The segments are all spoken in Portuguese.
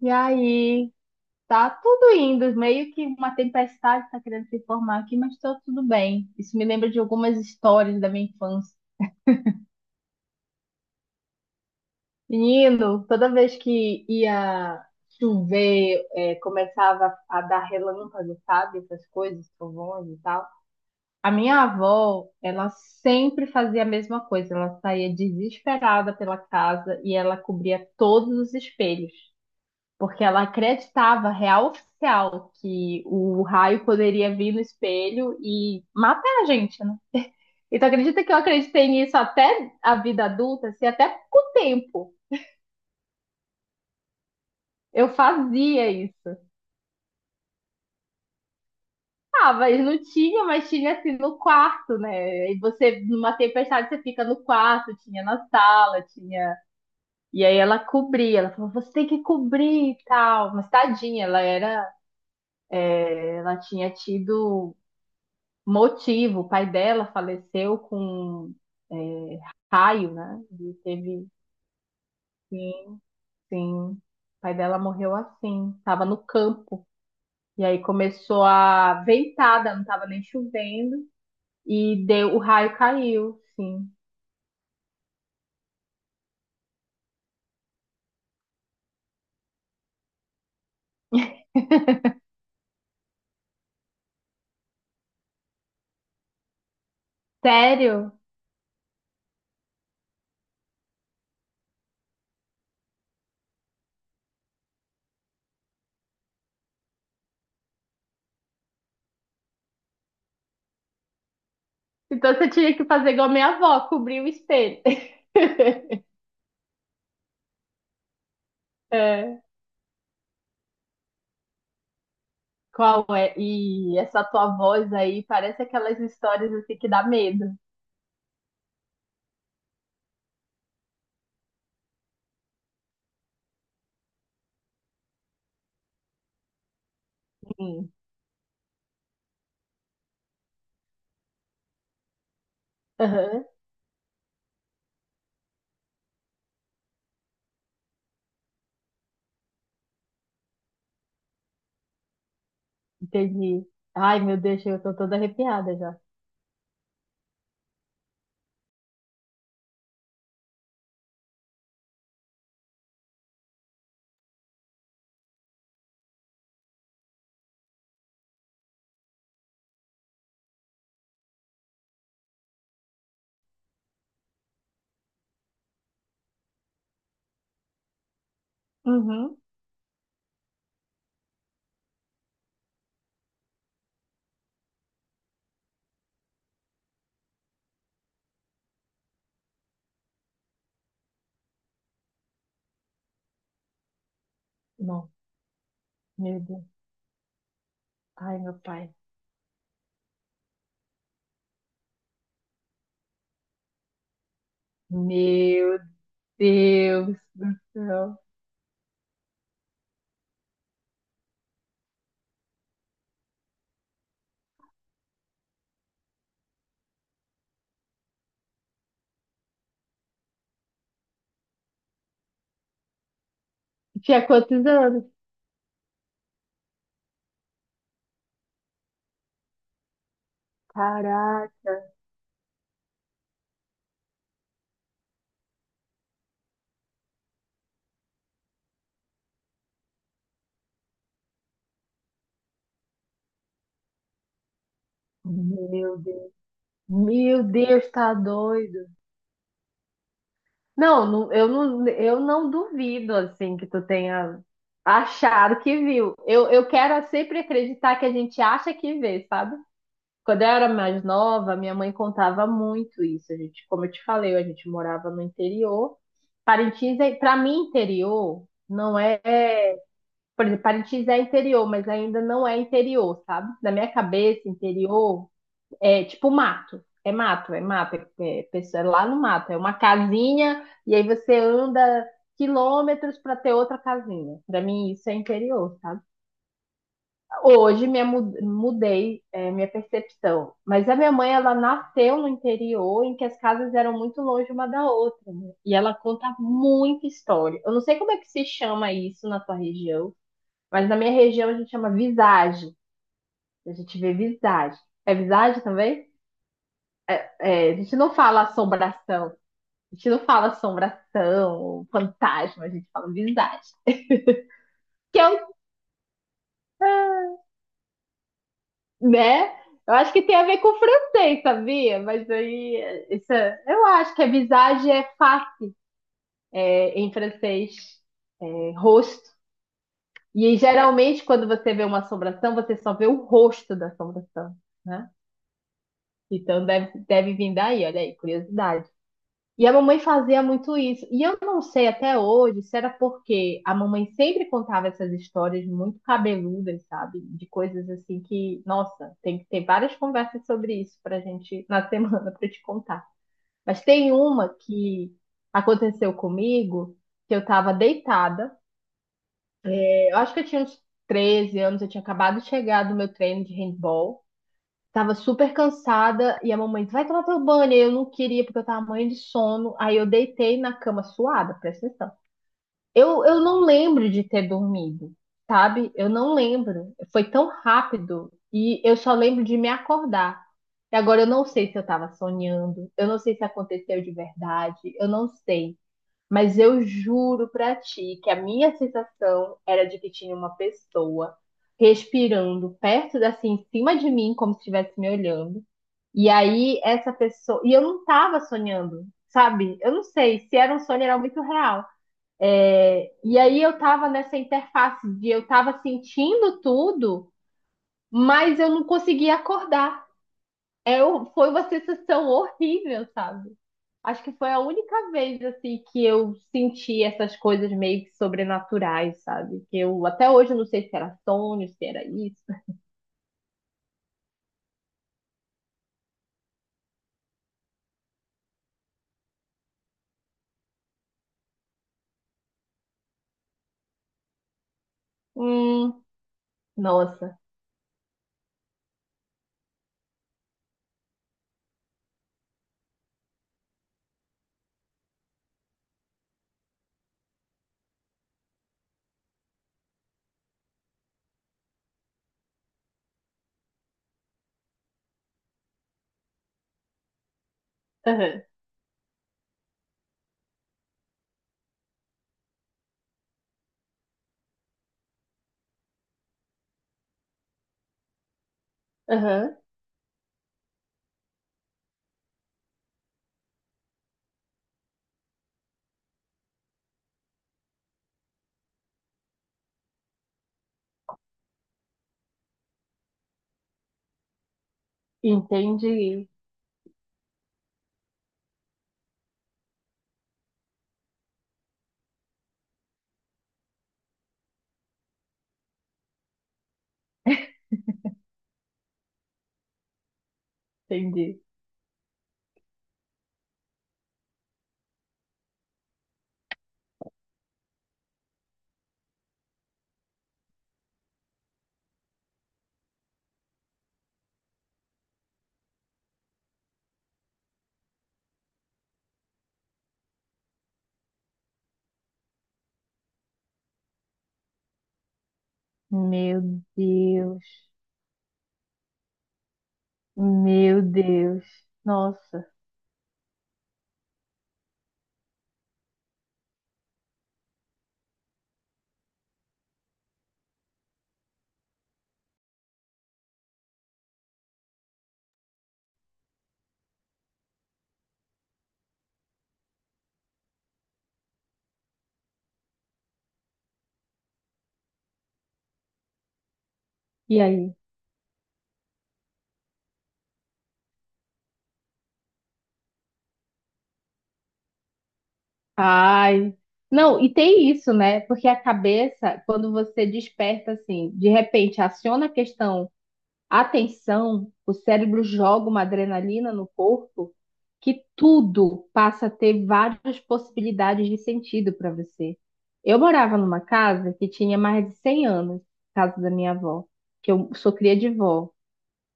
E aí, tá tudo indo, meio que uma tempestade está querendo se formar aqui, mas tá tudo bem. Isso me lembra de algumas histórias da minha infância. Menino, toda vez que ia chover, começava a dar relâmpago, sabe? Essas coisas, trovões e tal. A minha avó, ela sempre fazia a mesma coisa. Ela saía desesperada pela casa e ela cobria todos os espelhos, porque ela acreditava, real oficial, que o raio poderia vir no espelho e matar a gente, né? E tu acredita que eu acreditei nisso até a vida adulta, assim, até pouco tempo. Eu fazia isso. Ah, mas não tinha, mas tinha assim no quarto, né? E você, numa tempestade, você fica no quarto, tinha na sala, tinha. E aí ela cobria, ela falou, você tem que cobrir e tal. Mas tadinha, ela era. Ela tinha tido motivo. O pai dela faleceu com raio, né? Ele teve. Sim, sim. O pai dela morreu assim, estava no campo. E aí começou a ventada, não estava nem chovendo. E deu, o raio caiu, sim. Sério? Então você tinha que fazer igual a minha avó, cobrir o espelho. É. Qual é? E essa tua voz aí parece aquelas histórias assim que dá medo. Sim. Aham, entendi. Ai, meu Deus, eu tô toda arrepiada já. Uhum. Não, meu Deus. Ai, meu pai. Meu Deus do céu. Tinha quantos anos? Caraca. Meu Deus. Meu Deus, tá doido. Não, não, eu não, eu não duvido, assim, que tu tenha achado que viu. Eu quero sempre acreditar que a gente acha que vê, sabe? Quando eu era mais nova, minha mãe contava muito isso. A gente, como eu te falei, a gente morava no interior. Parintins é, para mim, interior não é, é- por exemplo, Parintins é interior, mas ainda não é interior, sabe? Na minha cabeça, interior é tipo mato. É mato, é mato, pessoa- é lá no mato, é uma casinha e aí você anda quilômetros para ter outra casinha. Para mim isso é interior, sabe? Hoje me mu- mudei minha percepção, mas a minha mãe ela nasceu no interior em que as casas eram muito longe uma da outra, né? E ela conta muita história. Eu não sei como é que se chama isso na tua região, mas na minha região a gente chama visagem. A gente vê visagem. É visagem também? É, a gente não fala assombração. A gente não fala assombração, fantasma, a gente fala visagem. Que é um né? Eu acho que tem a ver com o francês, sabia? Mas aí, isso, é- eu acho que a visage é face é, em francês, é, rosto. E aí, geralmente, quando você vê uma assombração, você só vê o rosto da assombração, né? Então deve, deve vir daí, olha aí, curiosidade. E a mamãe fazia muito isso. E eu não sei até hoje se era porque a mamãe sempre contava essas histórias muito cabeludas, sabe? De coisas assim que, nossa, tem que ter várias conversas sobre isso pra gente na semana pra eu te contar. Mas tem uma que aconteceu comigo, que eu tava deitada. Eu acho que eu tinha uns 13 anos, eu tinha acabado de chegar do meu treino de handball. Tava super cansada e a mamãe disse, vai tomar teu banho. Aí eu não queria porque eu tava morrendo de sono. Aí eu deitei na cama suada, presta atenção. Eu não lembro de ter dormido, sabe? Eu não lembro. Foi tão rápido e eu só lembro de me acordar. E agora eu não sei se eu tava sonhando, eu não sei se aconteceu de verdade, eu não sei. Mas eu juro pra ti que a minha sensação era de que tinha uma pessoa respirando perto, assim, em cima de mim, como se estivesse me olhando. E aí, essa pessoa. E eu não tava sonhando, sabe? Eu não sei se era um sonho, era muito real. E aí, eu tava nessa interface de eu tava sentindo tudo, mas eu não conseguia acordar foi uma sensação horrível, sabe? Acho que foi a única vez assim que eu senti essas coisas meio que sobrenaturais, sabe? Que eu até hoje eu não sei se era sonho, se era isso. Hum, nossa. Aham, aham. Entendi, entendi. Meu Deus, meu Deus. Nossa. E aí? Ai. Não, e tem isso, né? Porque a cabeça, quando você desperta assim, de repente aciona a questão. A tensão, o cérebro joga uma adrenalina no corpo que tudo passa a ter várias possibilidades de sentido para você. Eu morava numa casa que tinha mais de 100 anos, casa da minha avó, que eu sou cria de vó.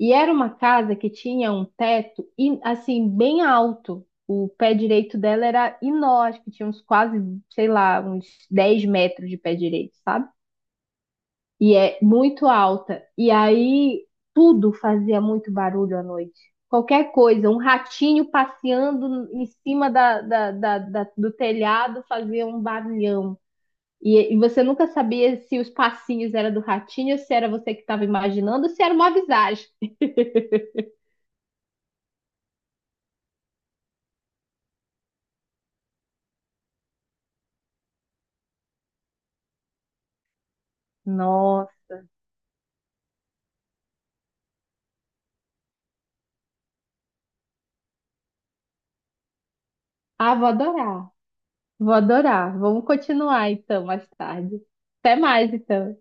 E era uma casa que tinha um teto e assim bem alto. O pé direito dela era enorme, que tinha uns quase, sei lá, uns 10 metros de pé direito, sabe? E é muito alta. E aí tudo fazia muito barulho à noite. Qualquer coisa, um ratinho passeando em cima do telhado fazia um barulhão. E você nunca sabia se os passinhos eram do ratinho, se era você que estava imaginando, se era uma visagem. Nossa, ah, vou adorar, vou adorar. Vamos continuar então mais tarde. Até mais então.